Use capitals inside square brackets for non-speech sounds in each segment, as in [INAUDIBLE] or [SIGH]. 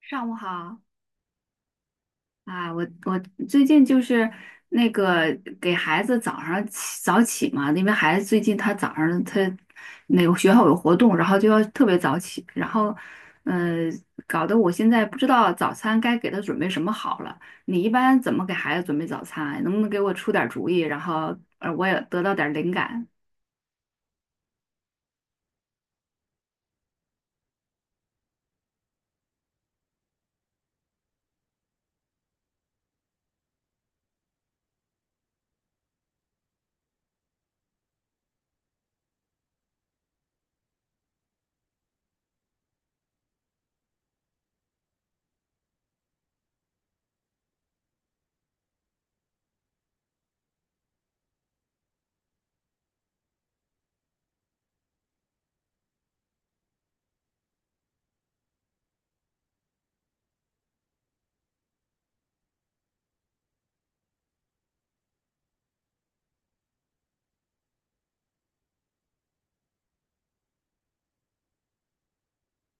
上午好啊，我最近就是那个给孩子早上起早起嘛，因为孩子最近他早上他那个学校有活动，然后就要特别早起，然后呃，搞得我现在不知道早餐该给他准备什么好了。你一般怎么给孩子准备早餐啊？能不能给我出点主意，然后我也得到点灵感？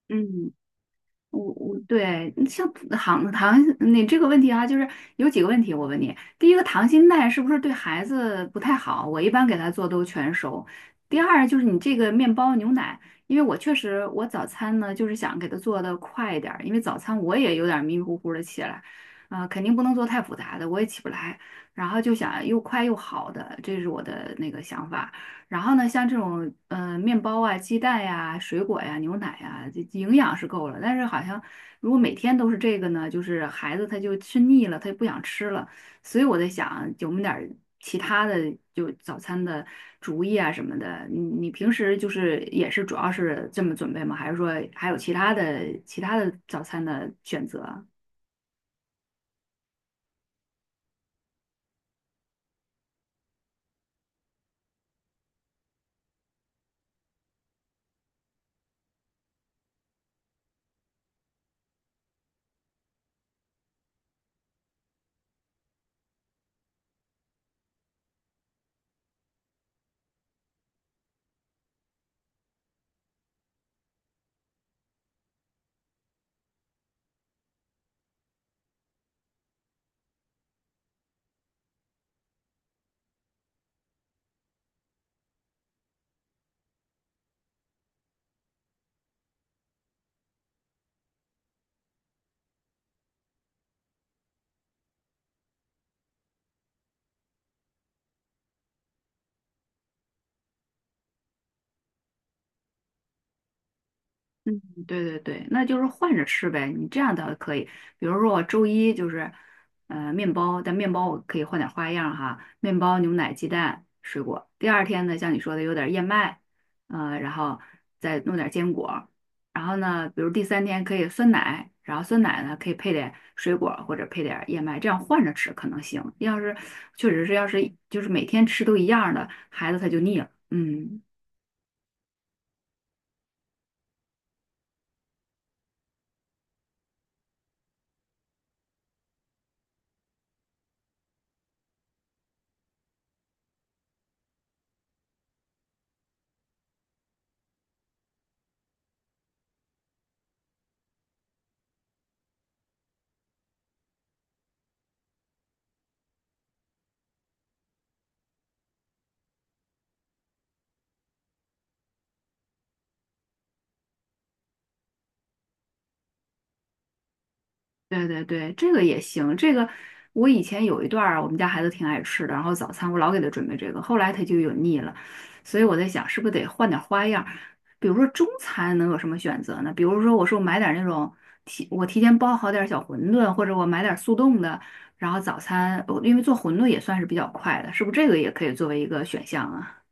嗯。我对像糖糖，你这个问题啊，就是有几个问题，我问你。第一个，糖心蛋是不是对孩子不太好？我一般给他做都全熟。第二就是你这个面包牛奶，因为我确实我早餐呢就是想给他做的快一点儿因为早餐我也有点迷迷糊糊的起来，啊、肯定不能做太复杂的，我也起不来。然后就想又快又好的，这是我的那个想法。然后呢，像这种面包啊、鸡蛋呀、水果呀、牛奶呀，这营养是够了。但是好像如果每天都是这个呢，就是孩子他就吃腻了，他就不想吃了。所以我在想，有没有点儿其他的就早餐的主意啊什么的？你平时就是也是主要是这么准备吗？还是说还有其他的早餐的选择啊？嗯，对对对，那就是换着吃呗。你这样倒可以，比如说我周一就是，面包，但面包我可以换点花样哈，面包、牛奶、鸡蛋、水果。第二天呢，像你说的有点燕麦，然后再弄点坚果。然后呢，比如第三天可以酸奶，然后酸奶呢可以配点水果或者配点燕麦，这样换着吃可能行。要是确实是要是就是每天吃都一样的，孩子他就腻了。嗯。对对对，这个也行。这个我以前有一段儿，我们家孩子挺爱吃的，然后早餐我老给他准备这个，后来他就有腻了，所以我在想，是不是得换点儿花样儿？比如说中餐能有什么选择呢？比如说，我说我买点儿那种提，我提前包好点儿小馄饨，或者我买点儿速冻的，然后早餐，我因为做馄饨也算是比较快的，是不是这个也可以作为一个选项啊？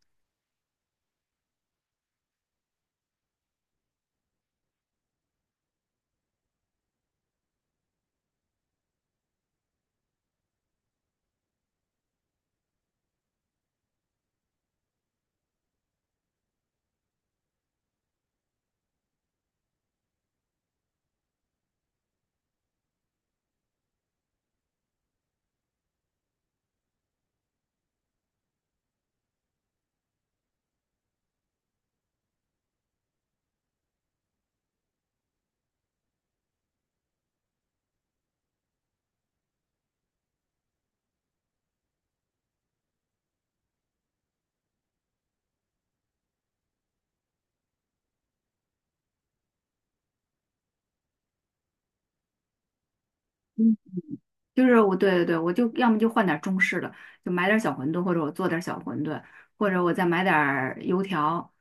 就是我，对对对，我就要么就换点中式的，就买点小馄饨，或者我做点小馄饨，或者我再买点油条，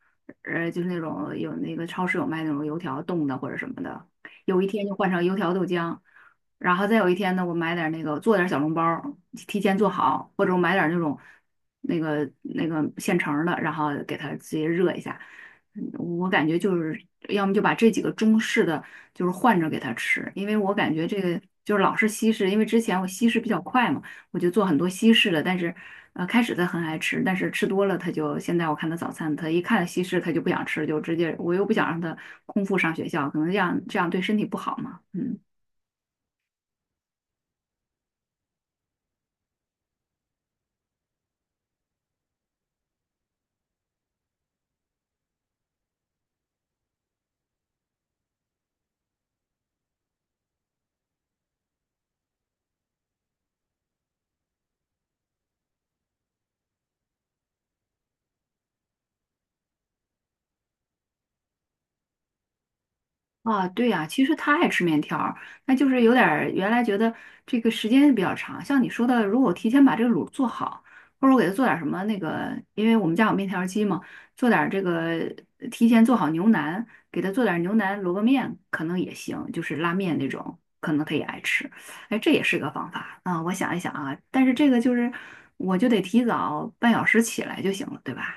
就是那种有那个超市有卖那种油条冻的或者什么的。有一天就换成油条豆浆，然后再有一天呢，我买点那个做点小笼包儿，提前做好，或者我买点那种那个现成儿的，然后给它直接热一下。我感觉就是要么就把这几个中式的就是换着给他吃，因为我感觉这个就是老是西式，因为之前我西式比较快嘛，我就做很多西式的，但是开始他很爱吃，但是吃多了他就现在我看他早餐，他一看西式他就不想吃，就直接我又不想让他空腹上学校，可能这样对身体不好嘛，嗯。啊，对呀，其实他爱吃面条儿，那就是有点儿原来觉得这个时间比较长，像你说的，如果我提前把这个卤做好，或者我给他做点儿什么那个，因为我们家有面条儿机嘛，做点儿这个提前做好牛腩，给他做点儿牛腩萝卜面，可能也行，就是拉面那种，可能他也爱吃，哎，这也是个方法啊，我想一想啊，但是这个就是我就得提早半小时起来就行了，对吧？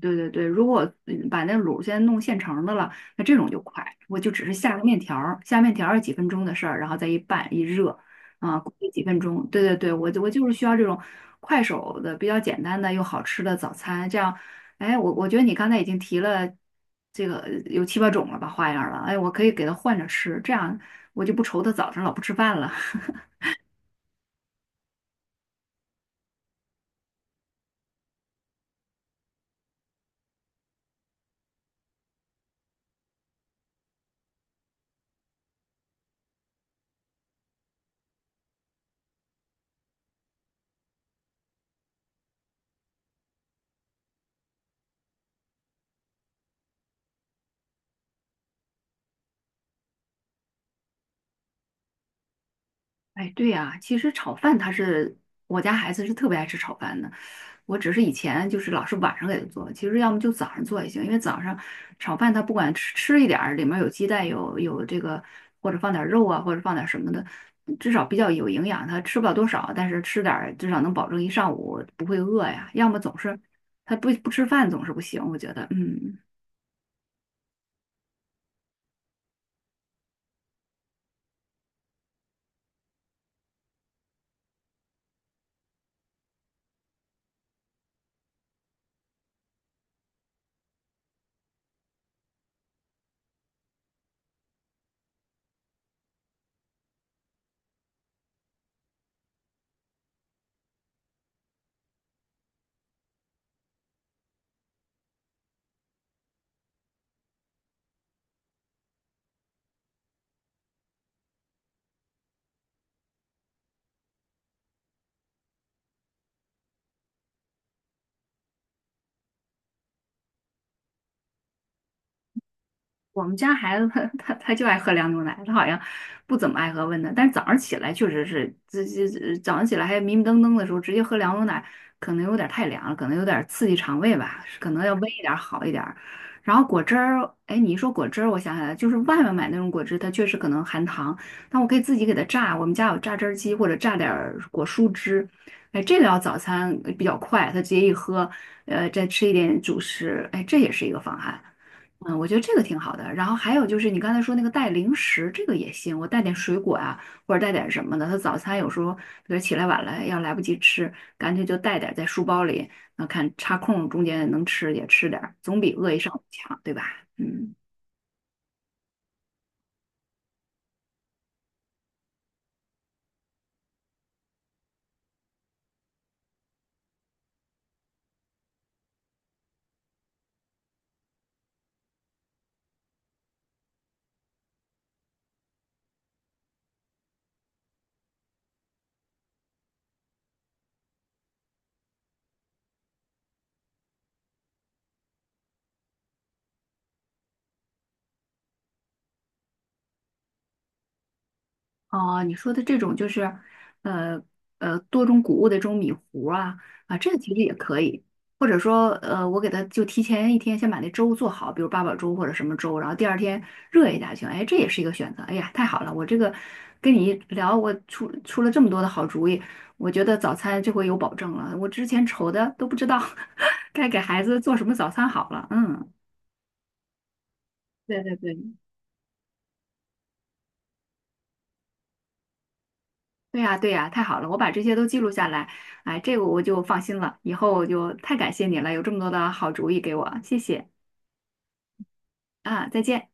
对对对，如果嗯把那卤先弄现成的了，那这种就快，我就只是下个面条儿下面条儿是几分钟的事儿，然后再一拌一热，啊，估计几分钟。对对对，我就是需要这种快手的、比较简单的又好吃的早餐。这样，哎，我觉得你刚才已经提了这个有七八种了吧花样儿了，哎，我可以给他换着吃，这样我就不愁他早上老不吃饭了。哎，对呀，其实炒饭他是我家孩子是特别爱吃炒饭的，我只是以前就是老是晚上给他做，其实要么就早上做也行，因为早上炒饭他不管吃吃一点儿，里面有鸡蛋有这个或者放点儿肉啊，或者放点儿什么的，至少比较有营养，他吃不了多少，但是吃点儿至少能保证一上午不会饿呀，要么总是他不吃饭总是不行，我觉得嗯。我们家孩子他 [LAUGHS] 他就爱喝凉牛奶，他好像不怎么爱喝温的，但是早上起来确实是，这早上起来还迷迷瞪瞪的时候，直接喝凉牛奶可能有点太凉了，可能有点刺激肠胃吧，可能要温一点儿好一点儿然后果汁儿，哎，你一说果汁儿，我想起来了就是外面买那种果汁，它确实可能含糖，但我可以自己给它榨，我们家有榨汁儿机或者榨点儿果蔬汁，哎，这个要早餐比较快，他直接一喝，再吃一点主食，哎，这也是一个方案。嗯，我觉得这个挺好的。然后还有就是你刚才说那个带零食，这个也行。我带点水果啊，或者带点什么的。他早餐有时候比如起来晚了，要来不及吃，干脆就带点在书包里，那看插空中间能吃也吃点儿总比饿一上午强，对吧？嗯。哦，你说的这种就是，呃多种谷物的这种米糊啊啊，这个其实也可以，或者说，我给他就提前一天先把那粥做好，比如八宝粥或者什么粥，然后第二天热一下去，哎，这也是一个选择。哎呀，太好了，我这个跟你一聊，我出出了这么多的好主意，我觉得早餐这回有保证了，我之前愁的都不知道 [LAUGHS] 该给孩子做什么早餐好了。嗯，对对对。对呀，对呀，太好了，我把这些都记录下来，哎，这个我就放心了，以后我就太感谢你了，有这么多的好主意给我，谢谢啊，再见。